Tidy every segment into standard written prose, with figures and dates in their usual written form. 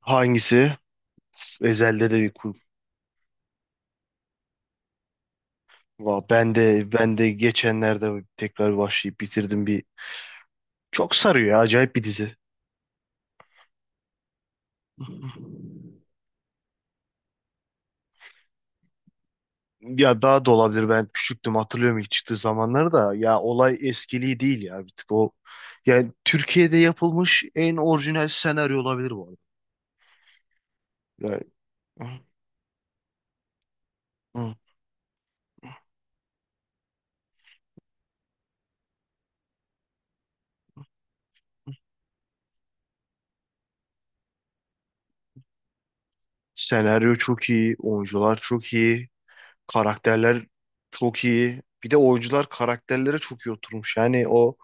Hangisi? Ezel'de de bir kur. Ben de geçenlerde tekrar başlayıp bitirdim bir. Çok sarıyor ya, acayip bir dizi. Ya daha da olabilir, ben küçüktüm, hatırlıyorum ilk çıktığı zamanları da. Ya olay eskiliği değil ya, bir tık o, yani Türkiye'de yapılmış en orijinal senaryo olabilir bu arada. Yani, hı, hı. Senaryo çok iyi, oyuncular çok iyi, karakterler çok iyi. Bir de oyuncular karakterlere çok iyi oturmuş. Yani o.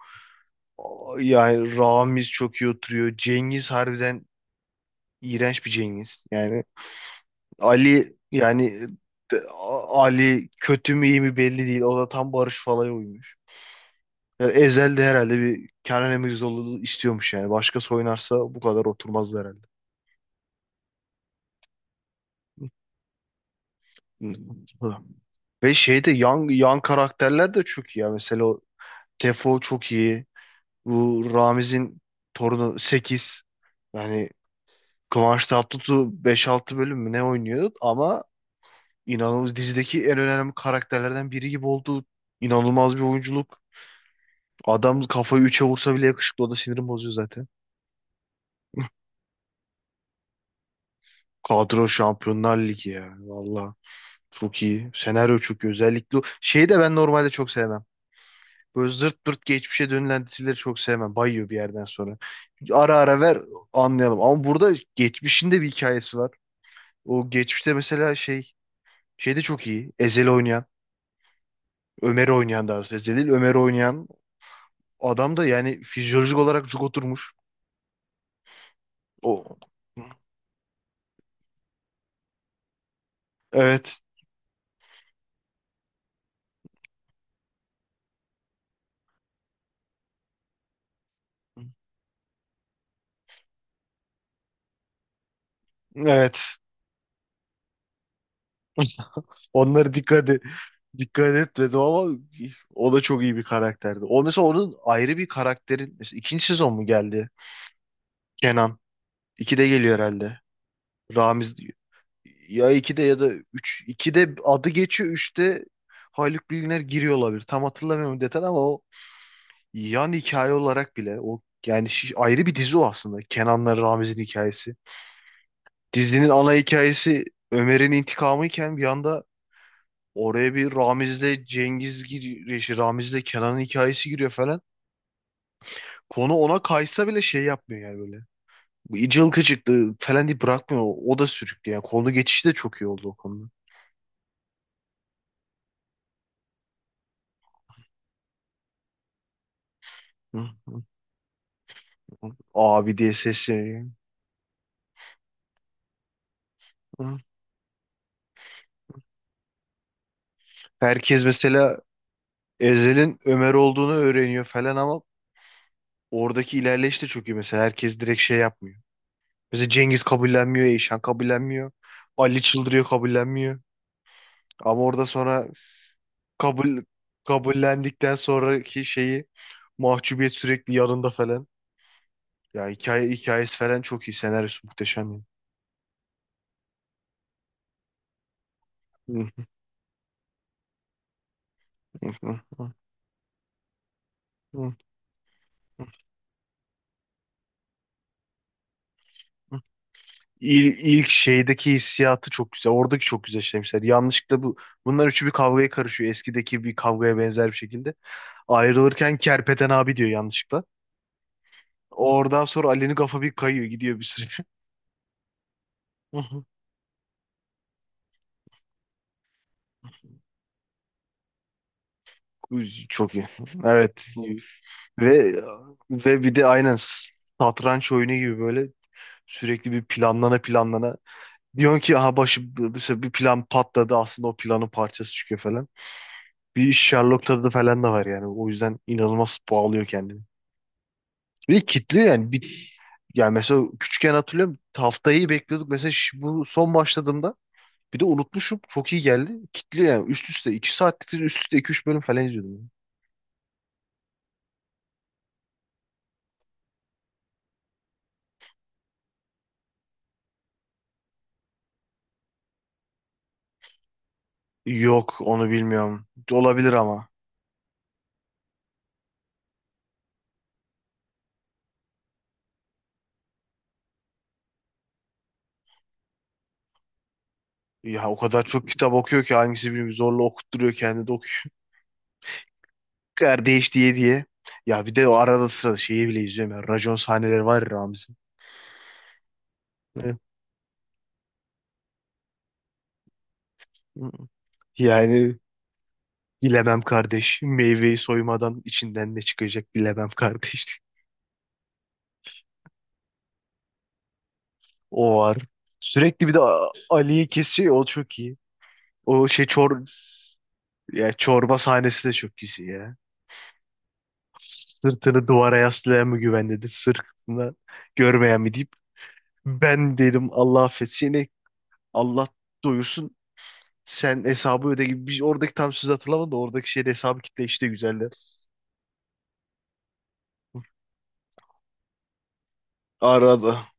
Yani Ramiz çok iyi oturuyor. Cengiz harbiden iğrenç bir Cengiz. Yani Ali, yani Ali kötü mü iyi mi belli değil. O da tam Barış Falay uymuş. Yani Ezel de herhalde bir Kenan Emirzioğlu istiyormuş yani. Başkası oynarsa bu kadar oturmazdı herhalde. Hı. Ve şeyde yan karakterler de çok iyi ya. Mesela o Tefo çok iyi. Bu Ramiz'in torunu 8. Yani Kıvanç Tatlıtuğ 5 6 bölüm mü ne oynuyor ama İnanılmaz dizideki en önemli karakterlerden biri gibi oldu. İnanılmaz bir oyunculuk. Adam kafayı üçe vursa bile yakışıklı. O da sinirim bozuyor zaten. Kadro Şampiyonlar Ligi ya. Valla çok iyi. Senaryo çok iyi. Özellikle şeyi de ben normalde çok sevmem. Böyle zırt pırt geçmişe dönülen dizileri çok sevmem. Bayıyor bir yerden sonra. Ara ara ver anlayalım. Ama burada geçmişin de bir hikayesi var. O geçmişte mesela şey de çok iyi. Ezel'i oynayan. Ömer'i oynayan daha doğrusu. Ezel değil, Ömer'i oynayan adam da yani fizyolojik olarak cuk oturmuş. O. Evet. Evet. Onlara dikkat et, dikkat etmedim ama o da çok iyi bir karakterdi. O mesela, onun ayrı bir karakterin, mesela ikinci sezon mu geldi? Kenan. İkide geliyor herhalde. Ramiz ya ikide ya da üç. İkide adı geçiyor. Üçte Haluk Bilginer giriyor olabilir. Tam hatırlamıyorum detay ama o yan hikaye olarak bile, o yani ayrı bir dizi o aslında. Kenan'la Ramiz'in hikayesi. Dizinin ana hikayesi Ömer'in intikamı iken bir anda oraya bir Ramiz'le Cengiz giriyor, şey, Ramiz'le Kenan'ın hikayesi giriyor falan. Konu ona kaysa bile şey yapmıyor yani, böyle bu ıcıl falan diye bırakmıyor. O da sürüklüyor. Yani konu geçişi de çok iyi oldu o konuda. Hı. Abi diye sesleniyor. Hı. Herkes mesela Ezel'in Ömer olduğunu öğreniyor falan ama oradaki ilerleyiş de çok iyi. Mesela herkes direkt şey yapmıyor. Mesela Cengiz kabullenmiyor, Eyşan kabullenmiyor. Ali çıldırıyor, kabullenmiyor. Ama orada sonra kabul, kabullendikten sonraki şeyi, mahcubiyet sürekli yanında falan. Ya hikaye hikayesi falan çok iyi. Senaryosu muhteşem ya. Hı, hı, hı, hı, hı, hı, hı. İl, ilk şeydeki hissiyatı çok güzel. Oradaki çok güzel işlemişler. Yanlışlıkla bunlar üçü bir kavgaya karışıyor. Eskideki bir kavgaya benzer bir şekilde. Ayrılırken Kerpeten abi diyor yanlışlıkla. Oradan sonra Ali'nin kafa bir kayıyor. Gidiyor bir süre. Çok iyi. Evet. Ve bir de aynen satranç oyunu gibi, böyle sürekli bir planlana planlana. Diyorsun ki aha, başı mesela bir plan patladı, aslında o planın parçası çıkıyor falan. Bir Sherlock tadı falan da var yani. O yüzden inanılmaz bağlıyor kendini. Ve kitliyor yani. Bir, yani mesela küçükken hatırlıyorum, haftayı bekliyorduk. Mesela bu son başladığımda bir de unutmuşum. Çok iyi geldi. Kitliyor yani. Üst üste 2 saatlik, üst üste iki üç bölüm falan izliyordum. Yok, onu bilmiyorum. Olabilir ama. Ya o kadar çok kitap okuyor ki hangisi bilmiyorum, zorla okutturuyor kendini de okuyor. Kardeş diye diye. Ya bir de o arada sırada şeyi bile izliyorum ya. Racon sahneleri var ya, Ramiz'in. Eh, yani bilemem kardeş. Meyveyi soymadan içinden ne çıkacak bilemem kardeş. O var. Sürekli bir de Ali'yi kesiyor ya, o çok iyi. O şey, ya çorba sahnesi de çok güzel ya. Sırtını duvara yaslayan mı güvendedir? Sırtını görmeyen mi, deyip ben dedim, Allah affetsin. Allah doyursun, sen hesabı öde gibi. Bir, oradaki tam söz hatırlamadım da oradaki şeyde hesabı kitle işte, güzeldi. Arada.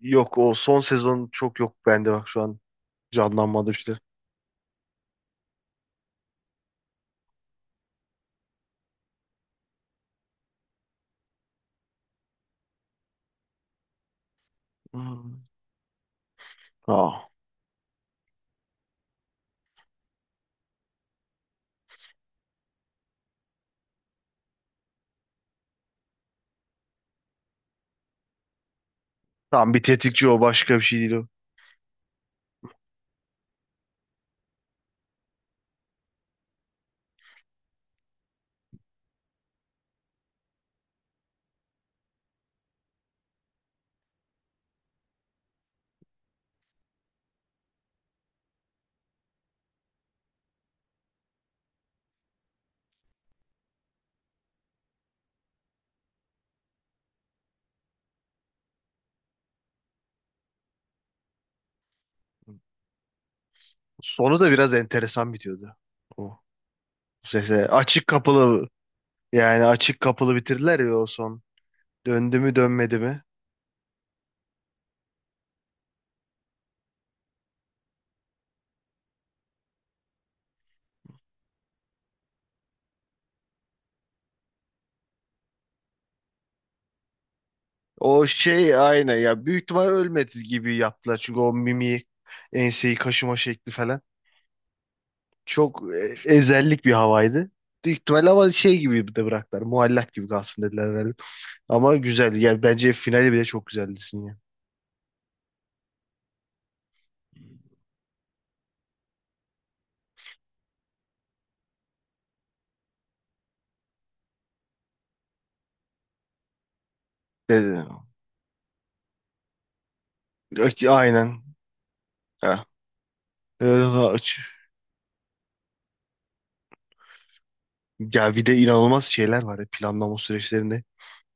Yok o son sezon çok, yok bende bak, şu an canlanmadı işte. Hmm. Aa. Tamam, bir tetikçi o, başka bir şey değil o. Sonu da biraz enteresan bitiyordu. O sese açık kapılı, yani açık kapılı bitirdiler ya o son. Döndü mü dönmedi mi? O şey aynı ya, büyük ihtimal ölmedi gibi yaptılar çünkü o mimiği, enseyi kaşıma şekli falan. Çok ezellik bir havaydı. Büyük ihtimalle, ama şey gibi de bıraktılar. Muallak gibi kalsın dediler herhalde. Ama güzeldi. Yani bence finali bile çok güzeldi ya. Dedi. Yok, aynen. Ha. Öyle ya bir de inanılmaz şeyler var ya planlama süreçlerinde.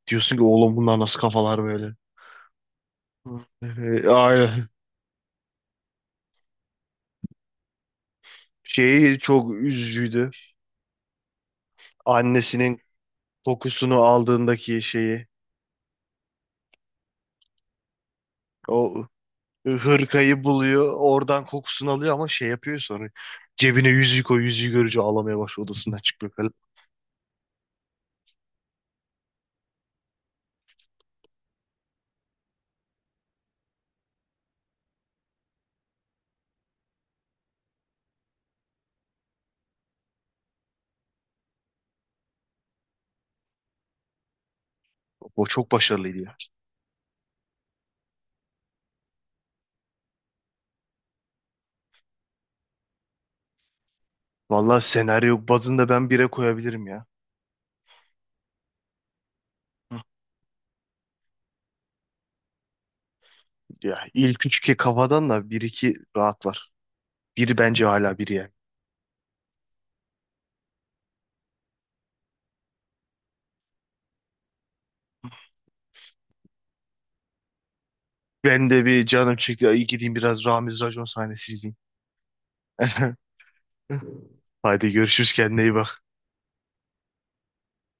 Diyorsun ki oğlum bunlar nasıl kafalar böyle. Hı. Aynen. Şeyi çok üzücüydü. Annesinin kokusunu aldığındaki şeyi. O hırkayı buluyor. Oradan kokusunu alıyor ama şey yapıyor sonra. Cebine yüzüğü koy, yüzüğü görünce ağlamaya başlıyor, odasından çıkmıyor falan. O çok başarılıydı ya. Valla senaryo bazında ben 1'e koyabilirim ya. Hı. Ya ilk üç, ki kafadan da 1 2 rahat var. Biri bence, hala biri yani. Ben de, bir canım çekti. Ay gideyim biraz Ramiz racon sahnesi izleyeyim. Haydi görüşürüz, kendine iyi bak.